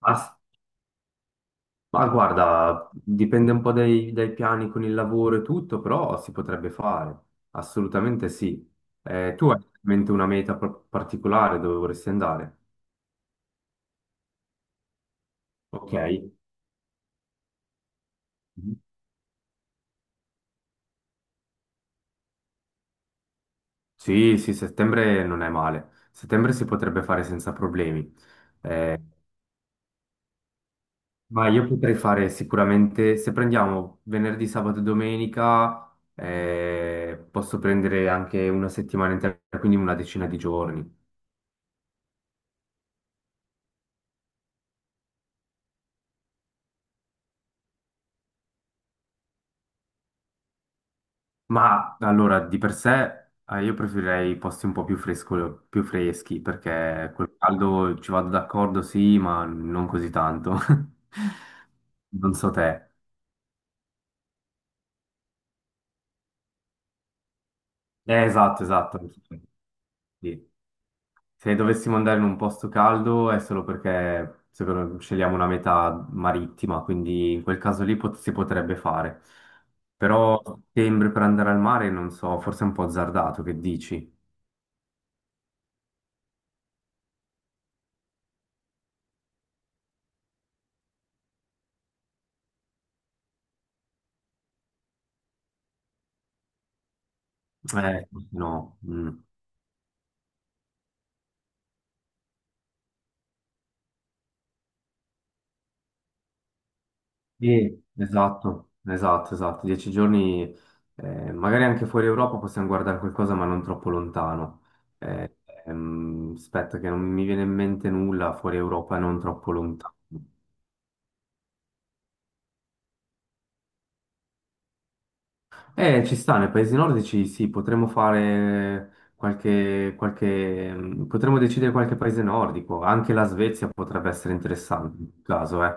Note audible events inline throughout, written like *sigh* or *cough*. Ma, ma guarda, dipende un po' dai piani con il lavoro e tutto, però si potrebbe fare, assolutamente sì. Tu hai in mente una meta particolare dove vorresti andare? Ok. Mhm. Sì, sì, settembre non è male. Settembre si potrebbe fare senza problemi. Eh, ma io potrei fare sicuramente, se prendiamo venerdì, sabato e domenica, posso prendere anche una settimana intera, quindi una decina di giorni. Ma allora, di per sé, io preferirei posti un po' più fresco- più freschi, perché col caldo ci vado d'accordo, sì, ma non così tanto. *laughs* Non so te. Esatto, esatto. Sì. Se dovessimo andare in un posto caldo è solo perché secondo, scegliamo una meta marittima, quindi in quel caso lì si potrebbe fare. Però settembre per andare al mare, non so, forse è un po' azzardato, che dici? No. Mm. Sì, esatto, esatto, esatto. Dieci giorni, magari anche fuori Europa possiamo guardare qualcosa, ma non troppo lontano. Eh, aspetta, che non mi viene in mente nulla fuori Europa, non troppo lontano. Ci sta, nei paesi nordici sì, potremmo fare potremmo decidere qualche paese nordico, anche la Svezia potrebbe essere interessante in questo caso, eh.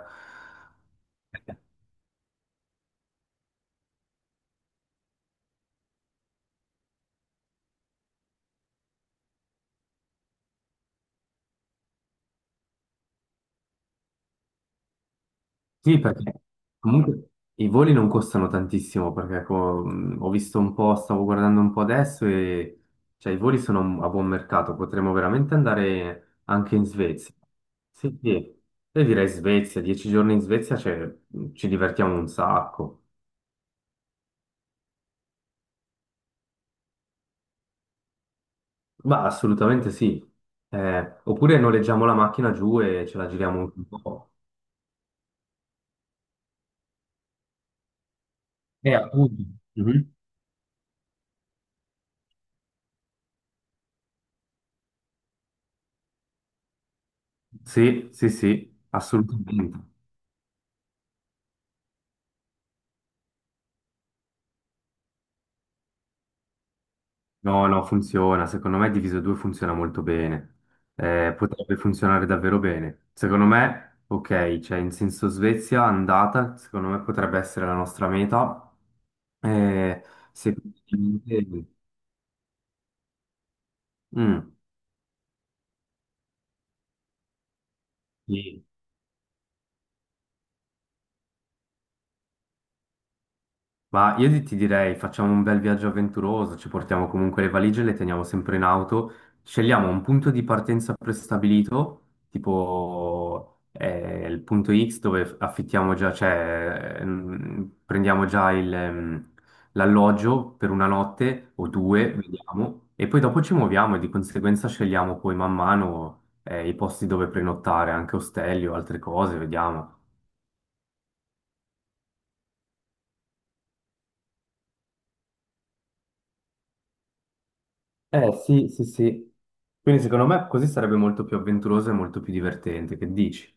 Sì, perché comunque i voli non costano tantissimo, perché ho visto un po', stavo guardando un po' adesso e cioè, i voli sono a buon mercato, potremmo veramente andare anche in Svezia. Sì, sì. Io direi Svezia, dieci giorni in Svezia, cioè, ci divertiamo un sacco. Ma assolutamente sì. Oppure noleggiamo la macchina giù e ce la giriamo un po'. Appunto. Mhm. Sì, sì, sì, assolutamente. No, no, funziona. Secondo me diviso 2 funziona molto bene. Potrebbe funzionare davvero bene. Secondo me, ok, cioè in senso Svezia andata, secondo me potrebbe essere la nostra meta. Eh, se... Mm, sì. Ma io ti direi, facciamo un bel viaggio avventuroso, ci portiamo comunque le valigie, le teniamo sempre in auto, scegliamo un punto di partenza prestabilito, tipo il punto X dove affittiamo già, prendiamo già l'alloggio per una notte o due, vediamo, e poi dopo ci muoviamo e di conseguenza scegliamo poi man mano i posti dove prenottare, anche ostelli o altre cose, vediamo. Eh sì, sì, sì. Quindi secondo me così sarebbe molto più avventuroso e molto più divertente, che dici?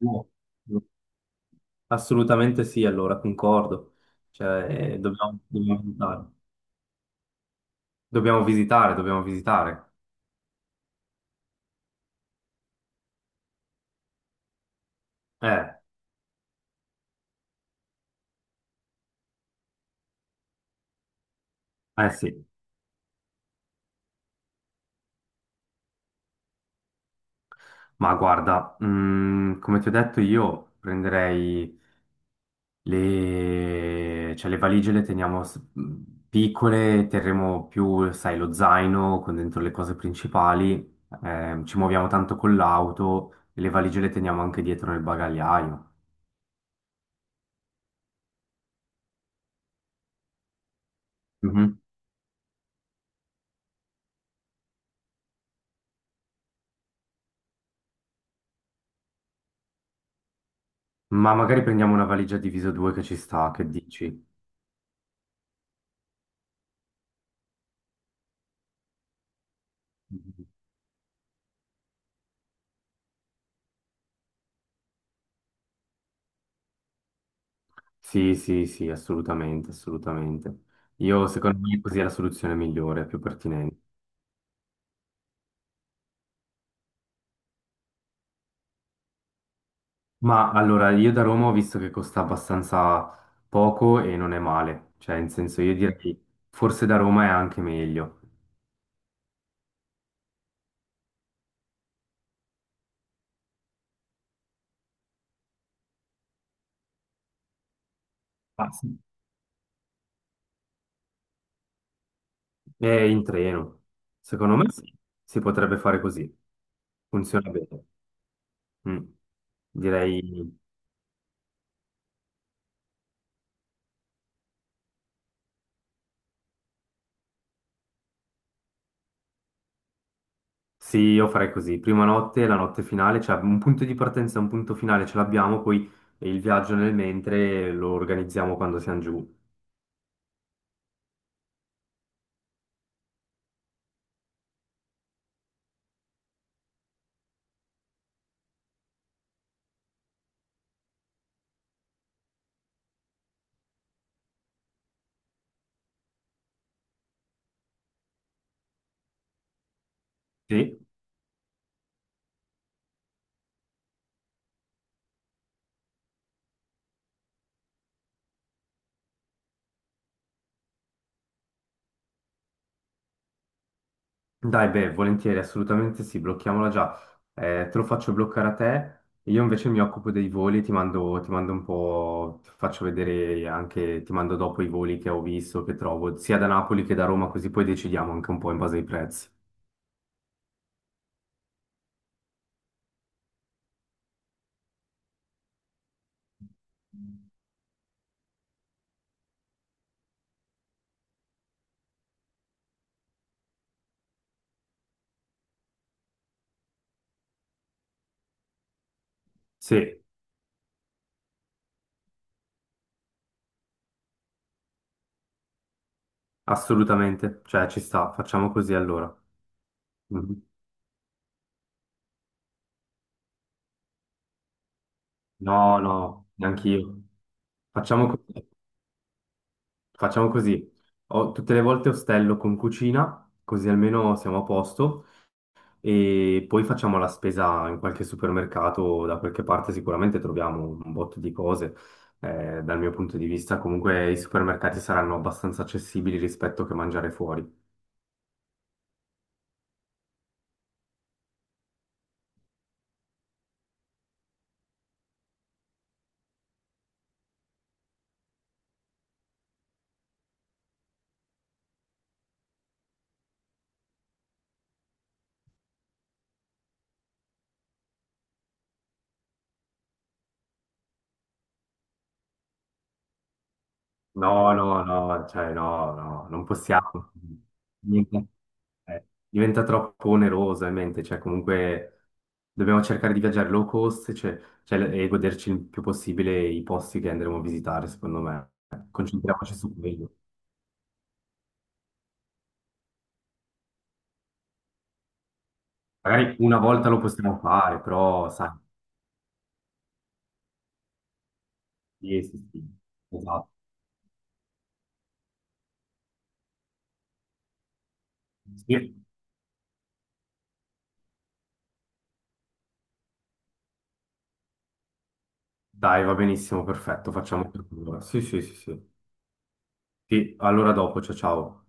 No. Assolutamente sì, allora concordo. Cioè, dobbiamo visitare. Eh, eh sì, ma guarda, mm, come ti ho detto io prenderei... Le, cioè, le valigie le teniamo piccole, terremo più, sai, lo zaino con dentro le cose principali, ci muoviamo tanto con l'auto e le valigie le teniamo anche dietro nel bagagliaio. Mhm. Ma magari prendiamo una valigia diviso due che ci sta, che dici? Mhm. Sì, sì, sì, assolutamente, assolutamente. Io secondo me così è la soluzione migliore, più pertinente. Ma allora, io da Roma ho visto che costa abbastanza poco e non è male, cioè in senso io direi forse da Roma è anche meglio. Ah, sì. È in treno. Secondo me sì, si potrebbe fare così, funziona bene. Mm. Direi sì, io farei così, prima notte, la notte finale, cioè un punto di partenza e un punto finale ce l'abbiamo, poi il viaggio nel mentre lo organizziamo quando siamo giù. Sì? Dai, beh, volentieri, assolutamente sì, blocchiamola già. Te lo faccio bloccare a te, io invece mi occupo dei voli, ti mando un po', ti faccio vedere anche, ti mando dopo i voli che ho visto, che trovo, sia da Napoli che da Roma, così poi decidiamo anche un po' in base ai prezzi. Sì, assolutamente, cioè ci sta, facciamo così allora. Mhm. No, no, neanch'io. Facciamo così, facciamo così. Ho- tutte le volte ostello con cucina, così almeno siamo a posto. E poi facciamo la spesa in qualche supermercato, da qualche parte sicuramente troviamo un botto di cose. Dal mio punto di vista, comunque i supermercati saranno abbastanza accessibili rispetto che mangiare fuori. No, no, no, cioè no, no, non possiamo. Niente. Diventa troppo oneroso in mente, cioè comunque dobbiamo cercare di viaggiare low cost, cioè, e goderci il più possibile i posti che andremo a visitare, secondo me. Concentriamoci su quello. Magari una volta lo possiamo fare, però sai, sì, sì, sì. Esatto. Sì. Dai, va benissimo, perfetto, facciamo per allora. Sì, sì, sì, sì. Sì, allora dopo, ciao ciao.